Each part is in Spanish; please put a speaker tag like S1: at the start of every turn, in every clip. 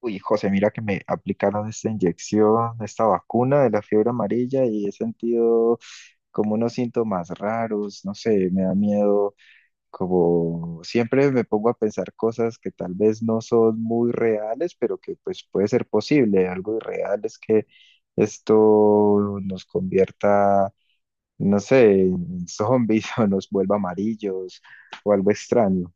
S1: Uy, José, mira que me aplicaron esta inyección, esta vacuna de la fiebre amarilla y he sentido como unos síntomas raros, no sé, me da miedo, como siempre me pongo a pensar cosas que tal vez no son muy reales, pero que pues puede ser posible. Algo irreal es que esto nos convierta, no sé, en zombies o nos vuelva amarillos o algo extraño.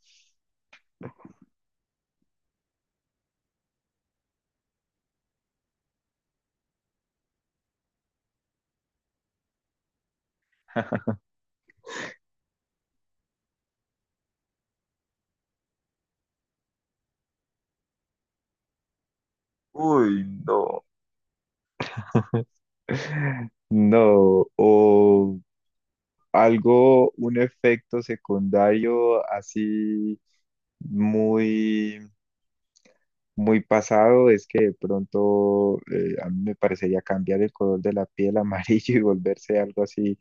S1: Uy, no. No, o algo, un efecto secundario así muy, muy pasado es que de pronto a mí me parecería cambiar el color de la piel a amarillo y volverse algo así,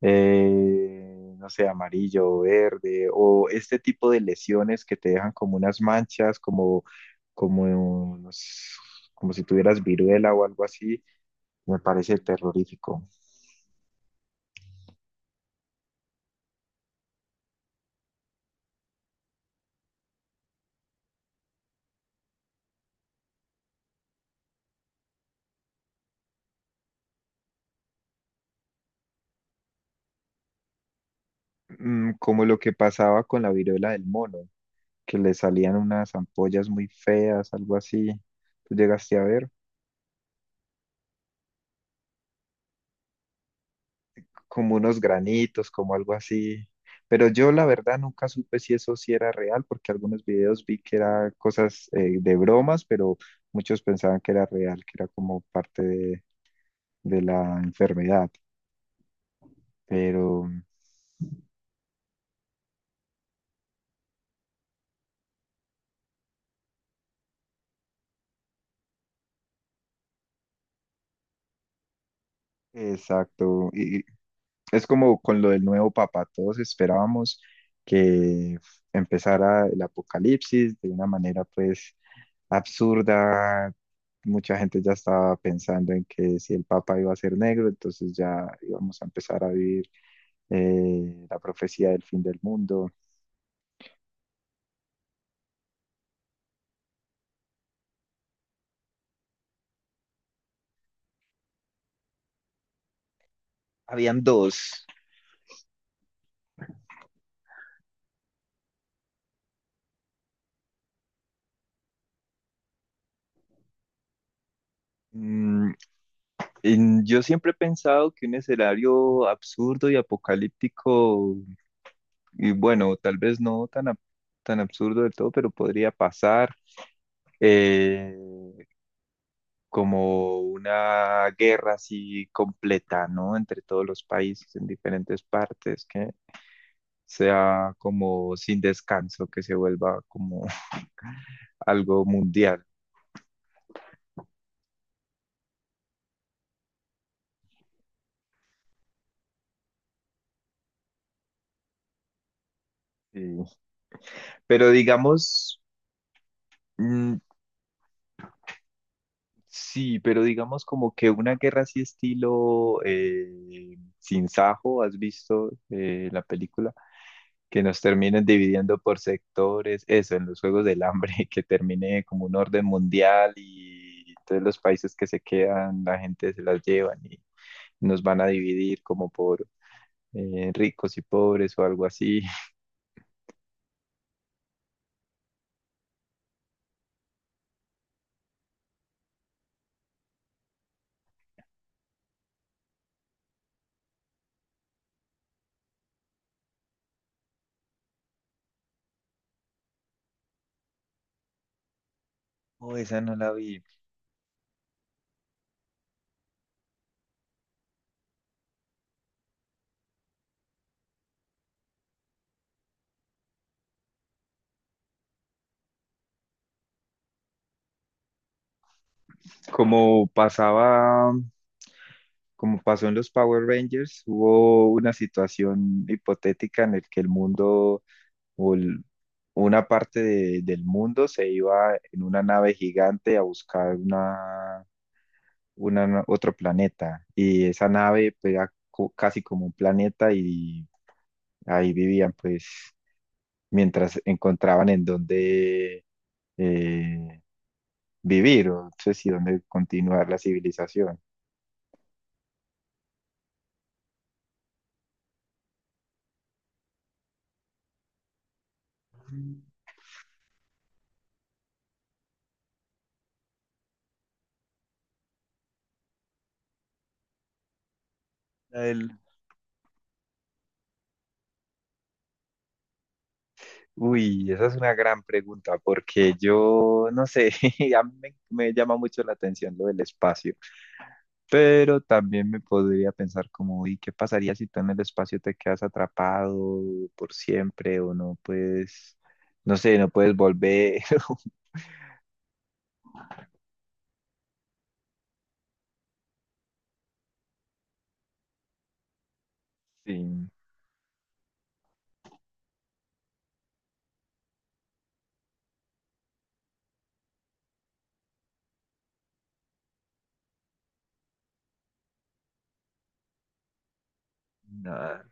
S1: no sé, amarillo o verde, o este tipo de lesiones que te dejan como unas manchas, como, como, no sé, como si tuvieras viruela o algo así, me parece terrorífico. Mm, como lo que pasaba con la viruela del mono. Que le salían unas ampollas muy feas, algo así. ¿Tú llegaste a ver como unos granitos, como algo así? Pero yo la verdad nunca supe si eso sí era real, porque algunos videos vi que era cosas de bromas, pero muchos pensaban que era real, que era como parte de la enfermedad. Pero, exacto, y es como con lo del nuevo papa, todos esperábamos que empezara el apocalipsis de una manera pues absurda. Mucha gente ya estaba pensando en que si el Papa iba a ser negro, entonces ya íbamos a empezar a vivir la profecía del fin del mundo. Habían dos. Mm, yo siempre he pensado que un escenario absurdo y apocalíptico, y bueno, tal vez no tan, tan absurdo del todo, pero podría pasar eh, como una guerra así completa, ¿no? Entre todos los países en diferentes partes, sea como sin descanso, que se vuelva como algo mundial. Sí. Pero digamos, mm, sí, pero digamos como que una guerra así estilo Sin Sajo, ¿has visto la película? Que nos terminen dividiendo por sectores, eso, en los Juegos del Hambre, que termine como un orden mundial y entonces los países que se quedan, la gente se las llevan y nos van a dividir como por ricos y pobres o algo así. Oh, esa no la vi. Como pasaba, como pasó en los Power Rangers, hubo una situación hipotética en el que el mundo o el- una parte del mundo se iba en una nave gigante a buscar una, otro planeta y esa nave pues, era casi como un planeta y ahí vivían pues mientras encontraban en dónde eh, vivir o no sé si dónde continuar la civilización. Uy, esa es una gran pregunta porque yo no sé, a mí me, me llama mucho la atención lo del espacio, pero también me podría pensar como, ¿y qué pasaría si tú en el espacio te quedas atrapado por siempre o no puedes, no sé, no puedes volver? Sí, nada,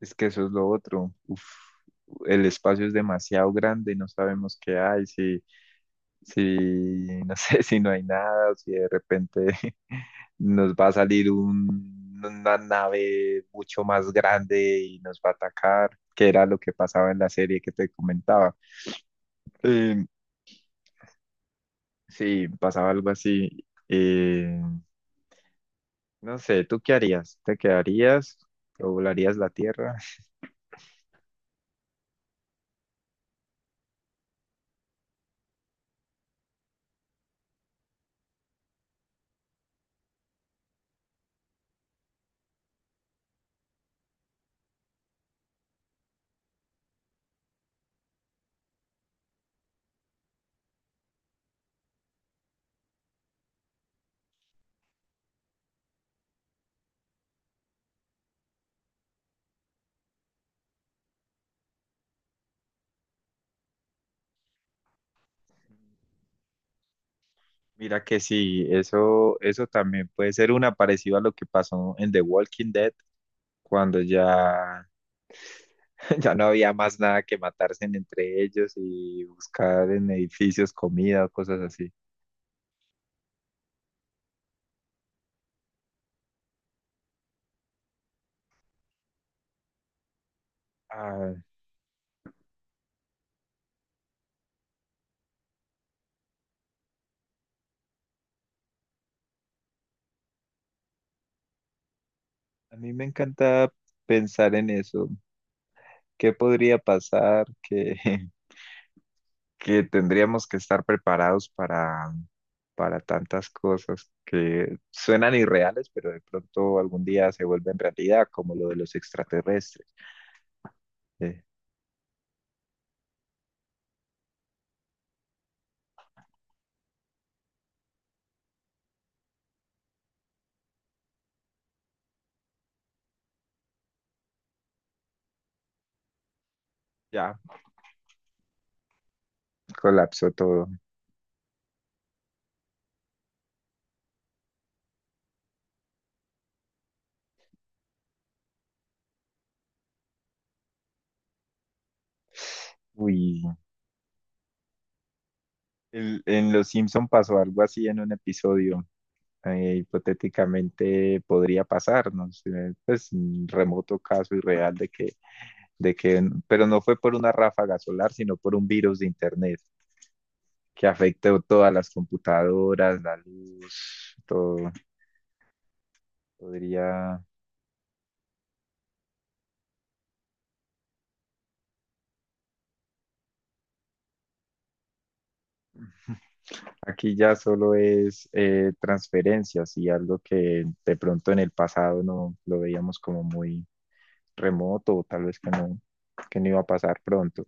S1: es que eso es lo otro. Uf, el espacio es demasiado grande, no sabemos qué hay, sí si, no sé, si no hay nada, o si de repente nos va a salir una nave mucho más grande y nos va a atacar, que era lo que pasaba en la serie que te comentaba. Eh, sí, pasaba algo así. No sé, ¿tú qué harías? ¿Te quedarías o volarías la Tierra? Mira que sí, eso también puede ser una parecida a lo que pasó en The Walking Dead, cuando ya ya no había más nada que matarse entre ellos y buscar en edificios comida o cosas así. Ah, a mí me encanta pensar en eso. ¿Qué podría pasar? Que, que tendríamos que estar preparados para tantas cosas que suenan irreales, pero de pronto algún día se vuelven realidad, como lo de los extraterrestres. Eh, ya, colapsó todo. Uy, en Los Simpson pasó algo así en un episodio hipotéticamente podría pasarnos, pues un remoto caso irreal de que, pero no fue por una ráfaga solar, sino por un virus de internet que afectó todas las computadoras, la luz, todo. Podría, aquí ya solo es transferencias y algo que de pronto en el pasado no lo veíamos como muy remoto o tal vez que no iba a pasar pronto.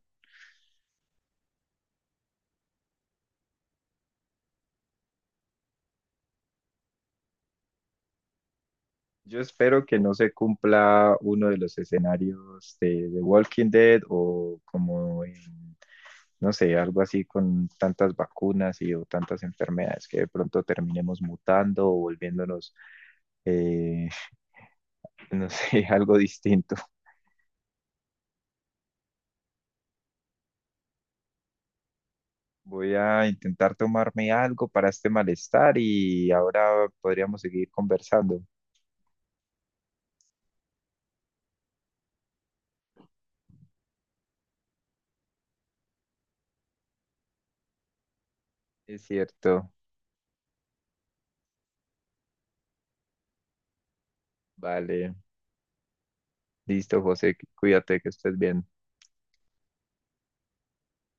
S1: Yo espero que no se cumpla uno de los escenarios de Walking Dead o como en, no sé, algo así con tantas vacunas y o tantas enfermedades que de pronto terminemos mutando o volviéndonos, eh, no sé, algo distinto. Voy a intentar tomarme algo para este malestar y ahora podríamos seguir conversando. Es cierto. Vale. Listo, José. Cuídate, que estés bien.